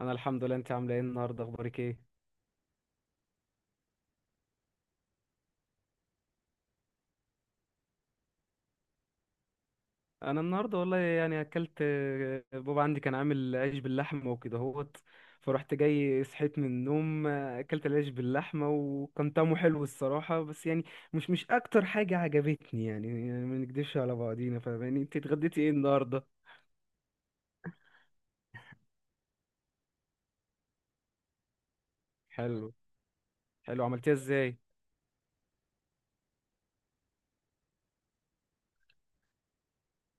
انا الحمد لله. انت عامله ايه النهارده؟ اخبارك ايه؟ انا النهارده والله يعني اكلت، بابا عندي كان عامل عيش باللحمه وكده هوت. فرحت جاي صحيت من النوم، اكلت العيش باللحمه وكان طعمه حلو الصراحه، بس يعني مش اكتر حاجه عجبتني يعني. ما نكدبش على بعضينا. فاهماني؟ انت اتغديتي ايه النهارده؟ حلو. حلو، عملتيها ازاي؟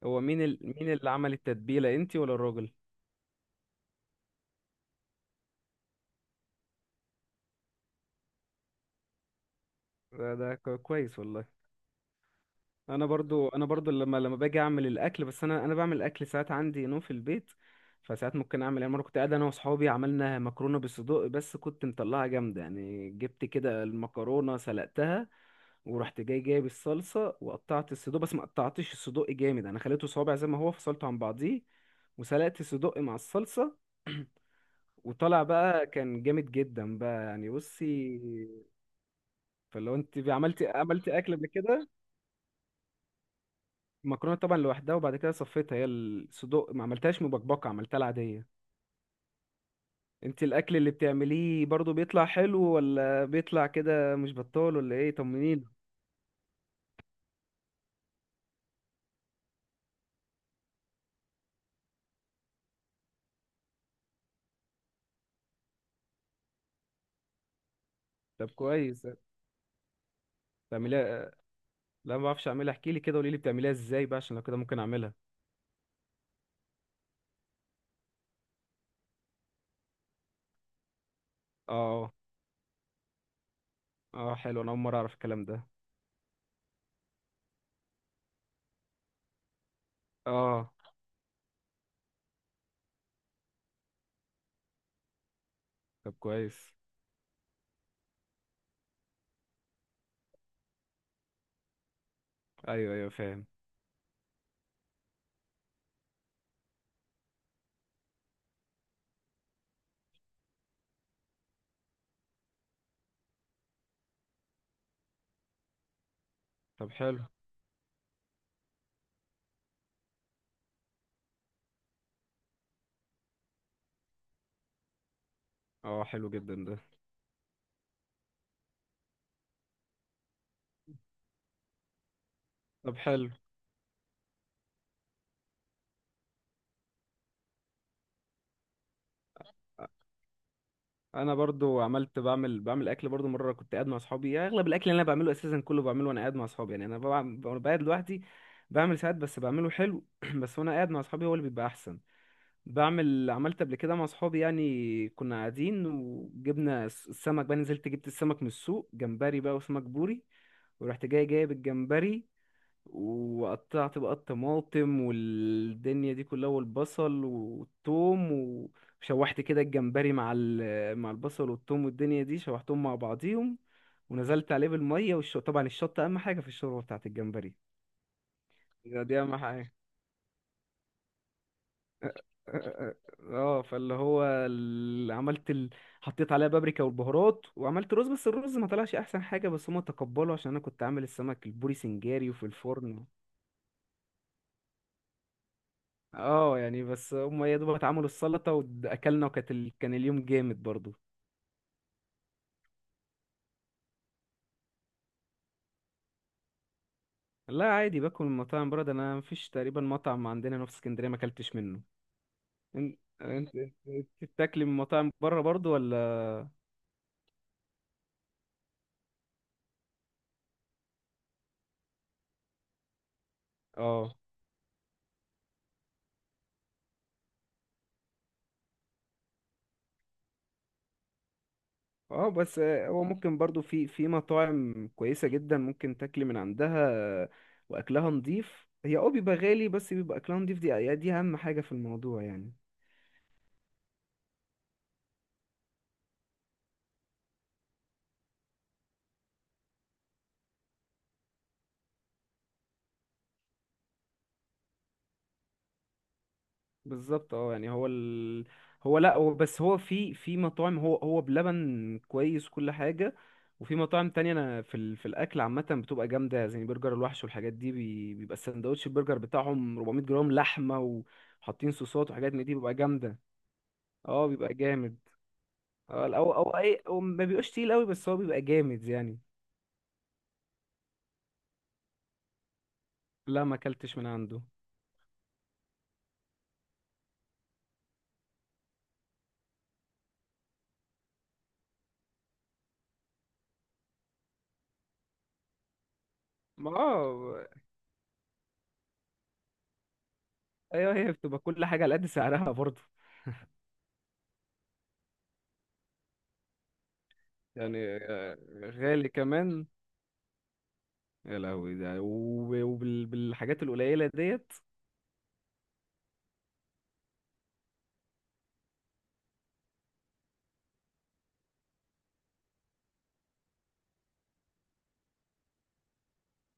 هو مين اللي عمل التتبيله، انت ولا الراجل؟ ده كويس والله. انا برضو لما باجي اعمل الاكل، بس انا بعمل الاكل ساعات عندي نوم في البيت. فساعات ممكن اعمل، يعني مره كنت قاعد انا واصحابي عملنا مكرونه بالصدق بس كنت مطلعها جامده. يعني جبت كده المكرونه سلقتها، ورحت جاي جايب الصلصه وقطعت الصدق، بس ما قطعتش الصدق جامد، انا خليته صوابع زي ما هو فصلته عن بعضيه. وسلقت الصدق مع الصلصه. وطلع بقى كان جامد جدا بقى يعني. بصي، فلو انت عملتي اكل قبل كده؟ المكرونه طبعا لوحدها، وبعد كده صفيتها. هي الصدوق ما عملتهاش مبكبكه، عملتها العاديه. انت الاكل اللي بتعمليه برضو بيطلع حلو ولا بيطلع كده مش بطال ولا ايه؟ طمنيني. طب كويس. بتعمليها؟ لا، ما بعرفش اعملها. احكي لي كده، قولي لي بتعمليها ازاي بقى عشان لو كده ممكن اعملها. اه. اه، حلو، انا اول مره اعرف الكلام ده. اه. طب كويس. ايوه، ايوه، فاهم. طب حلو. اه، حلو جدا ده. طب حلو. انا برضو عملت، بعمل اكل برضو. مره كنت قاعد مع اصحابي، يعني اغلب الاكل اللي انا بعمله اساسا كله بعمله وانا قاعد مع اصحابي. يعني انا بقعد لوحدي، بعمل ساعات، بس بعمله حلو. بس وانا قاعد مع اصحابي هو اللي بيبقى احسن. بعمل، عملت قبل كده مع اصحابي. يعني كنا قاعدين وجبنا السمك بقى، نزلت جبت السمك من السوق، جمبري بقى وسمك بوري. ورحت جاي جايب الجمبري، وقطعت بقى الطماطم والدنيا دي كلها والبصل والثوم. وشوحت كده الجمبري مع البصل والثوم والدنيا دي، شوحتهم مع بعضيهم. ونزلت عليه بالميه طبعا الشطه اهم حاجه في الشوربه بتاعت الجمبري. دي اهم حاجه. اه، فاللي هو عملت حطيت عليها بابريكا والبهارات وعملت رز، بس الرز ما طلعش احسن حاجه. بس هما تقبلوا عشان انا كنت عامل السمك البوري سنجاري وفي الفرن. اه يعني، بس هم يا دوب اتعملوا السلطة واكلنا، وكانت كان اليوم جامد برضو. لا، عادي باكل من مطاعم بره. ده انا مفيش تقريبا مطعم عندنا هنا في اسكندرية ما اكلتش منه. انت انت بتاكلي من مطاعم بره برضو، ولا؟ اه، اه، بس هو ممكن برضو في مطاعم كويسة جدا ممكن تاكلي من عندها. واكلها نضيف. هي بيبقى غالي، بس بيبقى اكلها نضيف. دي اهم حاجة في الموضوع يعني. بالظبط. اه يعني، هو هو، لا، هو بس هو في مطاعم، هو بلبن كويس كل حاجة. وفي مطاعم تانية، انا في الاكل عامة بتبقى جامدة زي برجر الوحش والحاجات دي. بيبقى السندوتش البرجر بتاعهم 400 جرام لحمة، وحاطين صوصات وحاجات من دي، بيبقى جامدة. اه، بيبقى جامد. اه، او اي، هو ما بيبقاش تقيل قوي بس هو بيبقى جامد يعني. لا، ما اكلتش من عنده. ما اه. ايوه، هي بتبقى كل حاجة على قد سعرها برضه. يعني غالي كمان. يا لهوي ده، وبالحاجات القليلة ديت.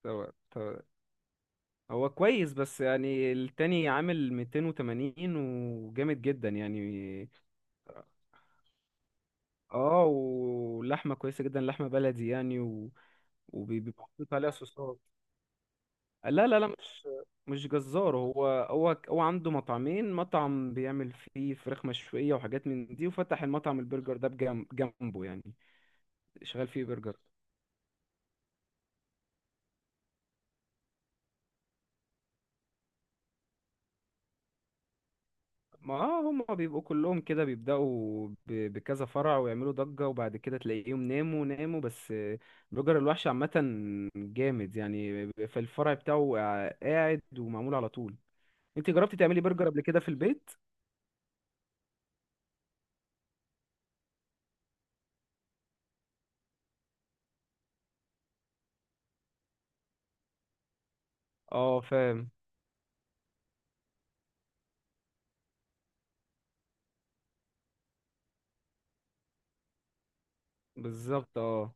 طبعا، طبعا. هو كويس، بس يعني التاني عامل 280 وجامد جدا يعني. اه، ولحمة كويسة جدا لحمة بلدي يعني وبيبقى محطوط عليها صوصات. لا، لا، لا، مش جزار. هو عنده مطعمين، مطعم بيعمل فيه فراخ مشوية وحاجات من دي، وفتح المطعم البرجر ده جنبه يعني. شغال فيه برجر. ما هم بيبقوا كلهم كده بيبدأوا بكذا فرع ويعملوا ضجة، وبعد كده تلاقيهم ناموا ناموا بس، بلوجر الوحش عامة جامد يعني، في الفرع بتاعه قاعد ومعمول على طول. انت جربتي تعملي برجر قبل كده في البيت؟ اه، فاهم. بالظبط. اه.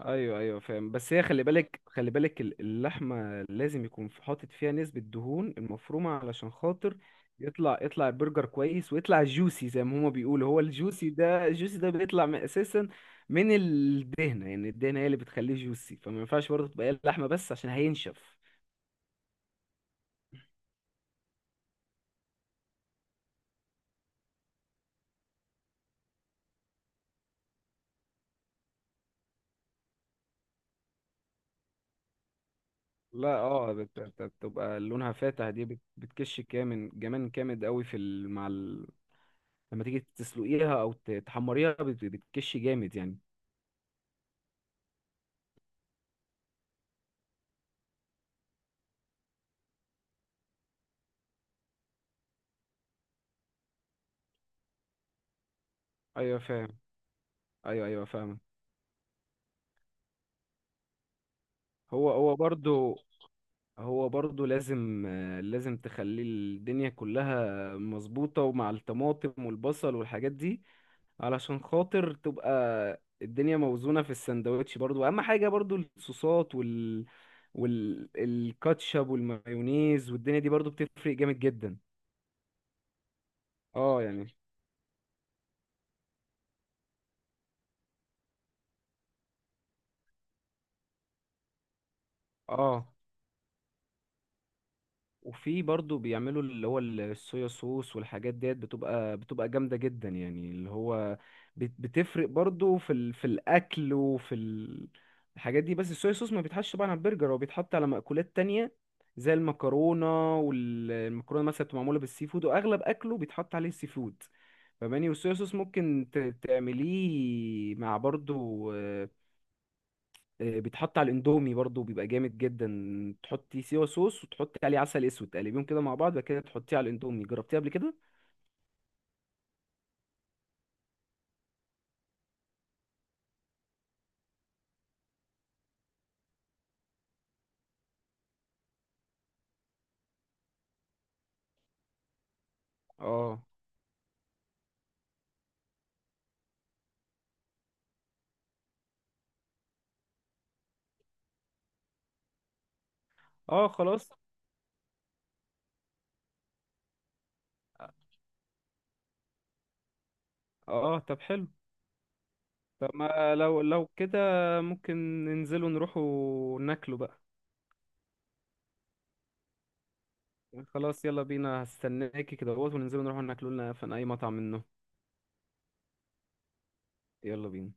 ايوه، ايوه، فاهم. بس هي، خلي بالك خلي بالك، اللحمه لازم يكون حاطط فيها نسبه دهون المفرومه علشان خاطر يطلع البرجر كويس، ويطلع جوسي زي ما هما بيقولوا. هو الجوسي ده، الجوسي ده بيطلع من اساسا من الدهنه. يعني الدهنه هي اللي بتخليه جوسي، فما ينفعش برضه تبقى هي اللحمه بس عشان هينشف. لا، اه، بتبقى لونها فاتح. دي بتكش كامل، جمان جامد قوي لما تيجي تسلقيها، او تحمريها، بتكش جامد يعني. ايوه فاهم. ايوه، ايوه، فاهمك. هو برضو، هو برضو لازم، لازم تخلي الدنيا كلها مظبوطة، ومع الطماطم والبصل والحاجات دي علشان خاطر تبقى الدنيا موزونة في السندوتش. برضو اهم حاجة برضو الصوصات، والكاتشب والمايونيز والدنيا دي، برضو بتفرق جامد جدا. اه يعني. اه، وفي برضو بيعملوا اللي هو الصويا صوص والحاجات ديت، بتبقى جامدة جدا يعني. اللي هو بتفرق برضو في الأكل الحاجات دي. بس الصويا صوص ما بيتحطش طبعا على البرجر، هو بيتحط على مأكولات تانية زي المكرونة. والمكرونة مثلا بتبقى معمولة بالسي فود، وأغلب أكله بيتحط عليه السي فود. فماني، والصويا صوص ممكن تعمليه مع برضو، بيتحط على الاندومي برضو، بيبقى جامد جدا. تحطي سيوا صوص وتحطي عليه عسل اسود، تقلبيهم كده مع بعض، بعد كده تحطيه على الاندومي. جربتيه قبل كده؟ اه. اه، خلاص. اه، طب حلو. طب، ما لو كده ممكن ننزلوا نروحوا ناكلوا بقى؟ خلاص، يلا بينا، هستناكي كده اهوت، وننزلوا نروحوا ناكلوا لنا في اي مطعم منه. يلا بينا.